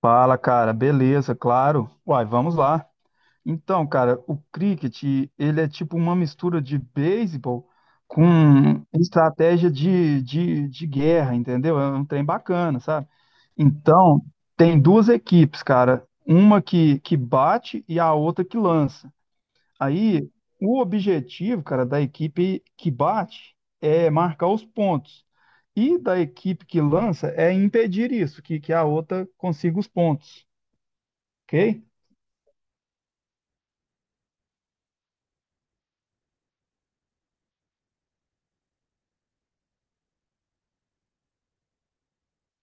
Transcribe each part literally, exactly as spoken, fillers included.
Fala, cara. Beleza, claro. Uai, vamos lá. Então, cara, o cricket ele é tipo uma mistura de beisebol com estratégia de, de, de guerra, entendeu? É um trem bacana, sabe? Então, tem duas equipes, cara. Uma que, que bate e a outra que lança. Aí, o objetivo, cara, da equipe que bate é marcar os pontos. E da equipe que lança é impedir isso, que, que a outra consiga os pontos. Ok?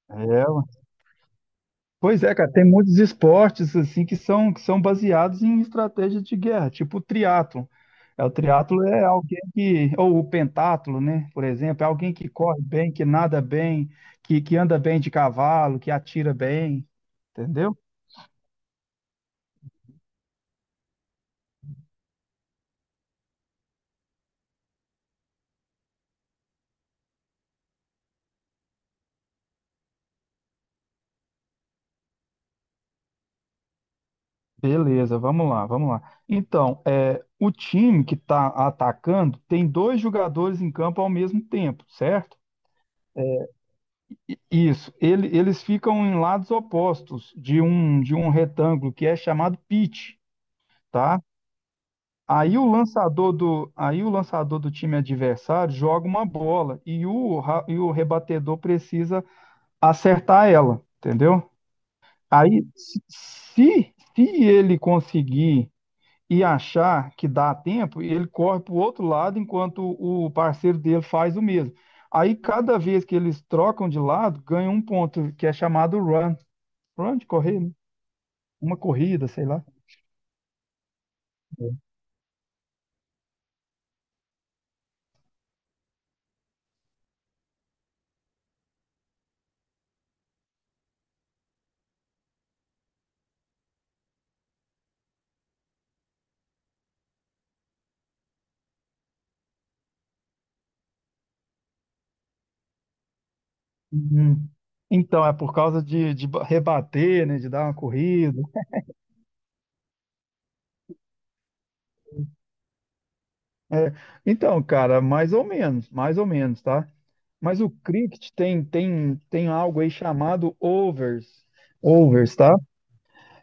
É, Pois é, cara, tem muitos esportes assim que são, que são baseados em estratégias de guerra, tipo o triatlo. É, o triatlo é alguém que, ou o pentatlo, né? Por exemplo, é alguém que corre bem, que nada bem, que, que anda bem de cavalo, que atira bem, entendeu? Beleza, vamos lá, vamos lá. Então, é, o time que está atacando tem dois jogadores em campo ao mesmo tempo, certo? Isso, ele- eles ficam em lados opostos de um de um retângulo que é chamado pitch, tá? Aí o lançador do aí o lançador do time adversário joga uma bola e o ra- e o rebatedor precisa acertar ela, entendeu? Aí se se se ele conseguir e achar que dá tempo, ele corre para o outro lado enquanto o parceiro dele faz o mesmo. Aí cada vez que eles trocam de lado, ganha um ponto, que é chamado run. Pronto, correr, né? Uma corrida, sei lá. Uhum. Então, é por causa de, de ba- rebater, né? De dar uma corrida. É, então, cara, mais ou menos, mais ou menos, tá? Mas o cricket tem, tem, tem algo aí chamado overs. Overs, tá?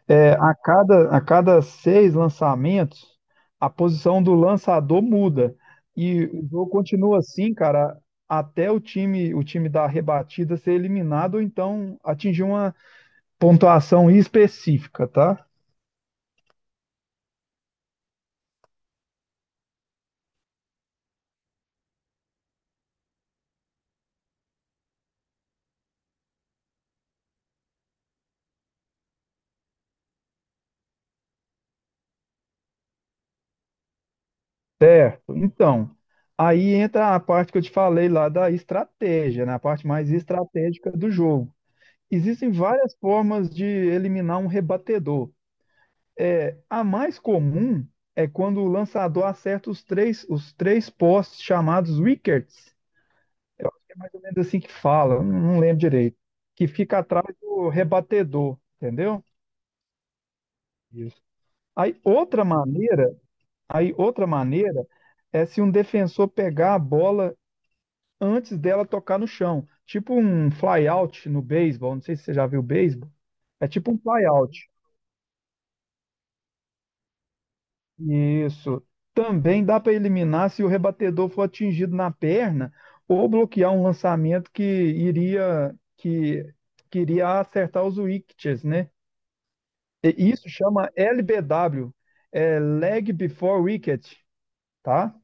É, a cada, a cada seis lançamentos, a posição do lançador muda. E o jogo continua assim, cara, até o time, o time da rebatida ser eliminado ou então atingir uma pontuação específica, tá? Certo. Então, aí entra a parte que eu te falei lá da estratégia, né? A parte mais estratégica do jogo. Existem várias formas de eliminar um rebatedor. É, a mais comum é quando o lançador acerta os três, os três postes chamados wickets, mais ou menos assim que fala, eu não lembro direito, que fica atrás do rebatedor, entendeu? Isso. Aí outra maneira Aí, outra maneira é se um defensor pegar a bola antes dela tocar no chão. Tipo um flyout no beisebol. Não sei se você já viu beisebol. É tipo um flyout. Isso. Também dá para eliminar se o rebatedor for atingido na perna ou bloquear um lançamento que iria que, que iria acertar os wickets, né? E isso chama L B W, é leg before wicket, tá?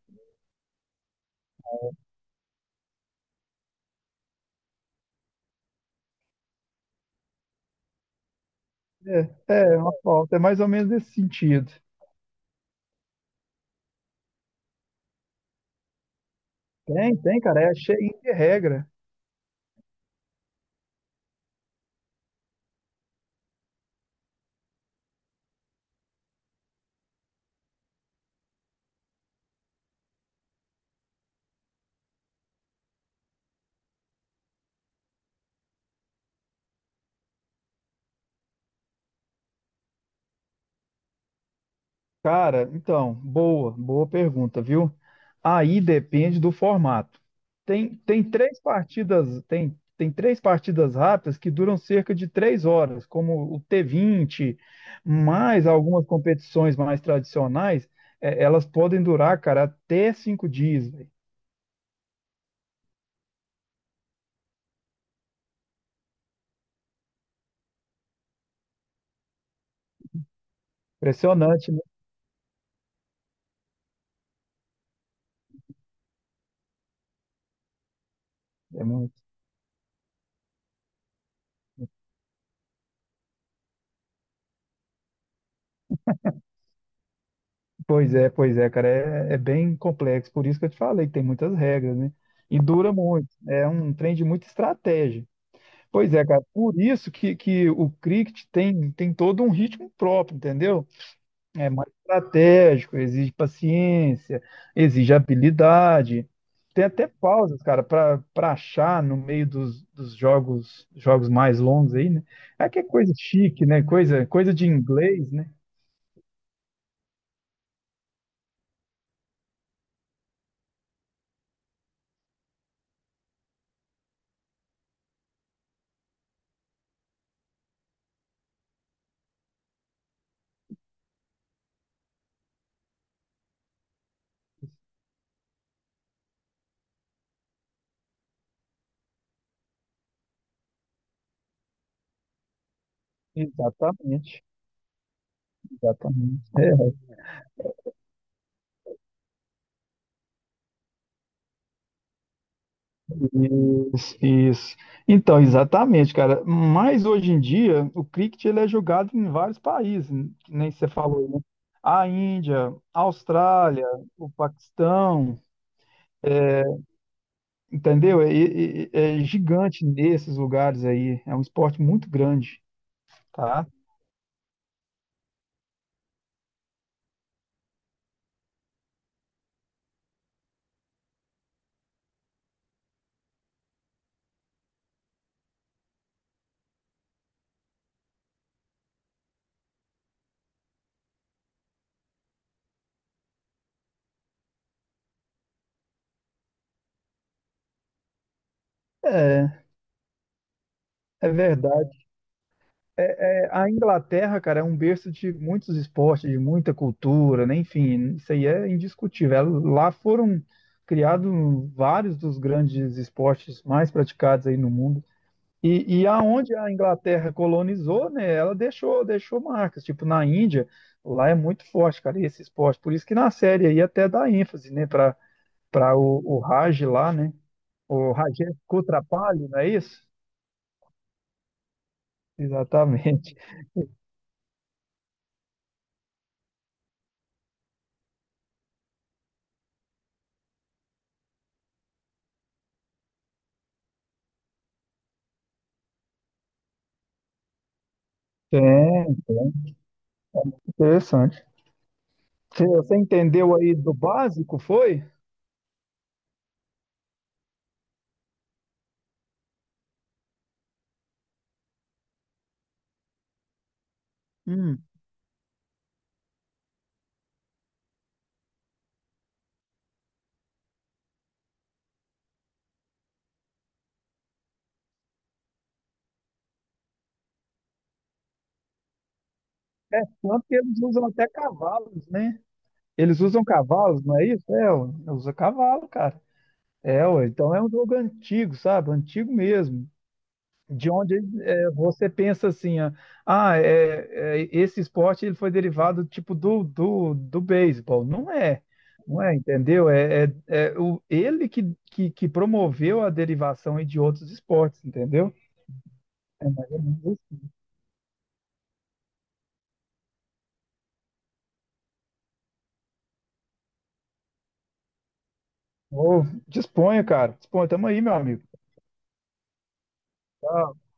É, é uma falta, é mais ou menos nesse sentido. Tem, tem, cara, é cheio de regra. Cara, então, boa, boa pergunta, viu? Aí depende do formato. Tem, tem três partidas, tem, tem três partidas rápidas que duram cerca de três horas, como o tê vinte, mais algumas competições mais tradicionais, é, elas podem durar, cara, até cinco dias, velho. Impressionante, né? É muito. Pois é, pois é, cara, é, é bem complexo, por isso que eu te falei que tem muitas regras, né? E dura muito, é um trem de muita estratégia. Pois é, cara, por isso que, que o cricket tem, tem todo um ritmo próprio, entendeu? É mais estratégico, exige paciência, exige habilidade. Tem até pausas, cara, para para achar no meio dos, dos jogos, jogos mais longos aí, né? É que é coisa chique, né? Coisa, coisa de inglês, né? Exatamente, exatamente. É, isso, isso. Então, exatamente, cara. Mas hoje em dia, o cricket ele é jogado em vários países, né, que nem você falou, né? A Índia, a Austrália, o Paquistão, entendeu? É, é- é gigante nesses lugares aí. É um esporte muito grande, tá? É, é verdade. É, é, a Inglaterra, cara, é um berço de muitos esportes, de muita cultura, né? Enfim, isso aí é indiscutível. Ela- Lá foram criados vários dos grandes esportes mais praticados aí no mundo. E, e aonde a Inglaterra colonizou, né? Ela deixou, deixou marcas. Tipo, na Índia, lá é muito forte, cara, esse esporte. Por isso que na série aí até dá ênfase, né, para para o, o Raj lá, né? O Rajesh Kutrapali, não é isso? Exatamente. É, tem. Interessante. Você você entendeu aí do básico, foi? Hum, Tanto que eles usam até cavalos, né? Eles usam cavalos, não é isso? É, ué, usa cavalo, cara. É, ué, então é um jogo antigo, sabe? Antigo mesmo. De onde é, você pensa assim, ó, ah, é, é, esse esporte ele foi derivado tipo do, do, do beisebol. Não é, não é, entendeu? É, é, é o, ele que, que, que promoveu a derivação aí de outros esportes, entendeu? É mais ou menos. Ô, disponha, cara. Disponha. Tamo aí, meu amigo. Tá,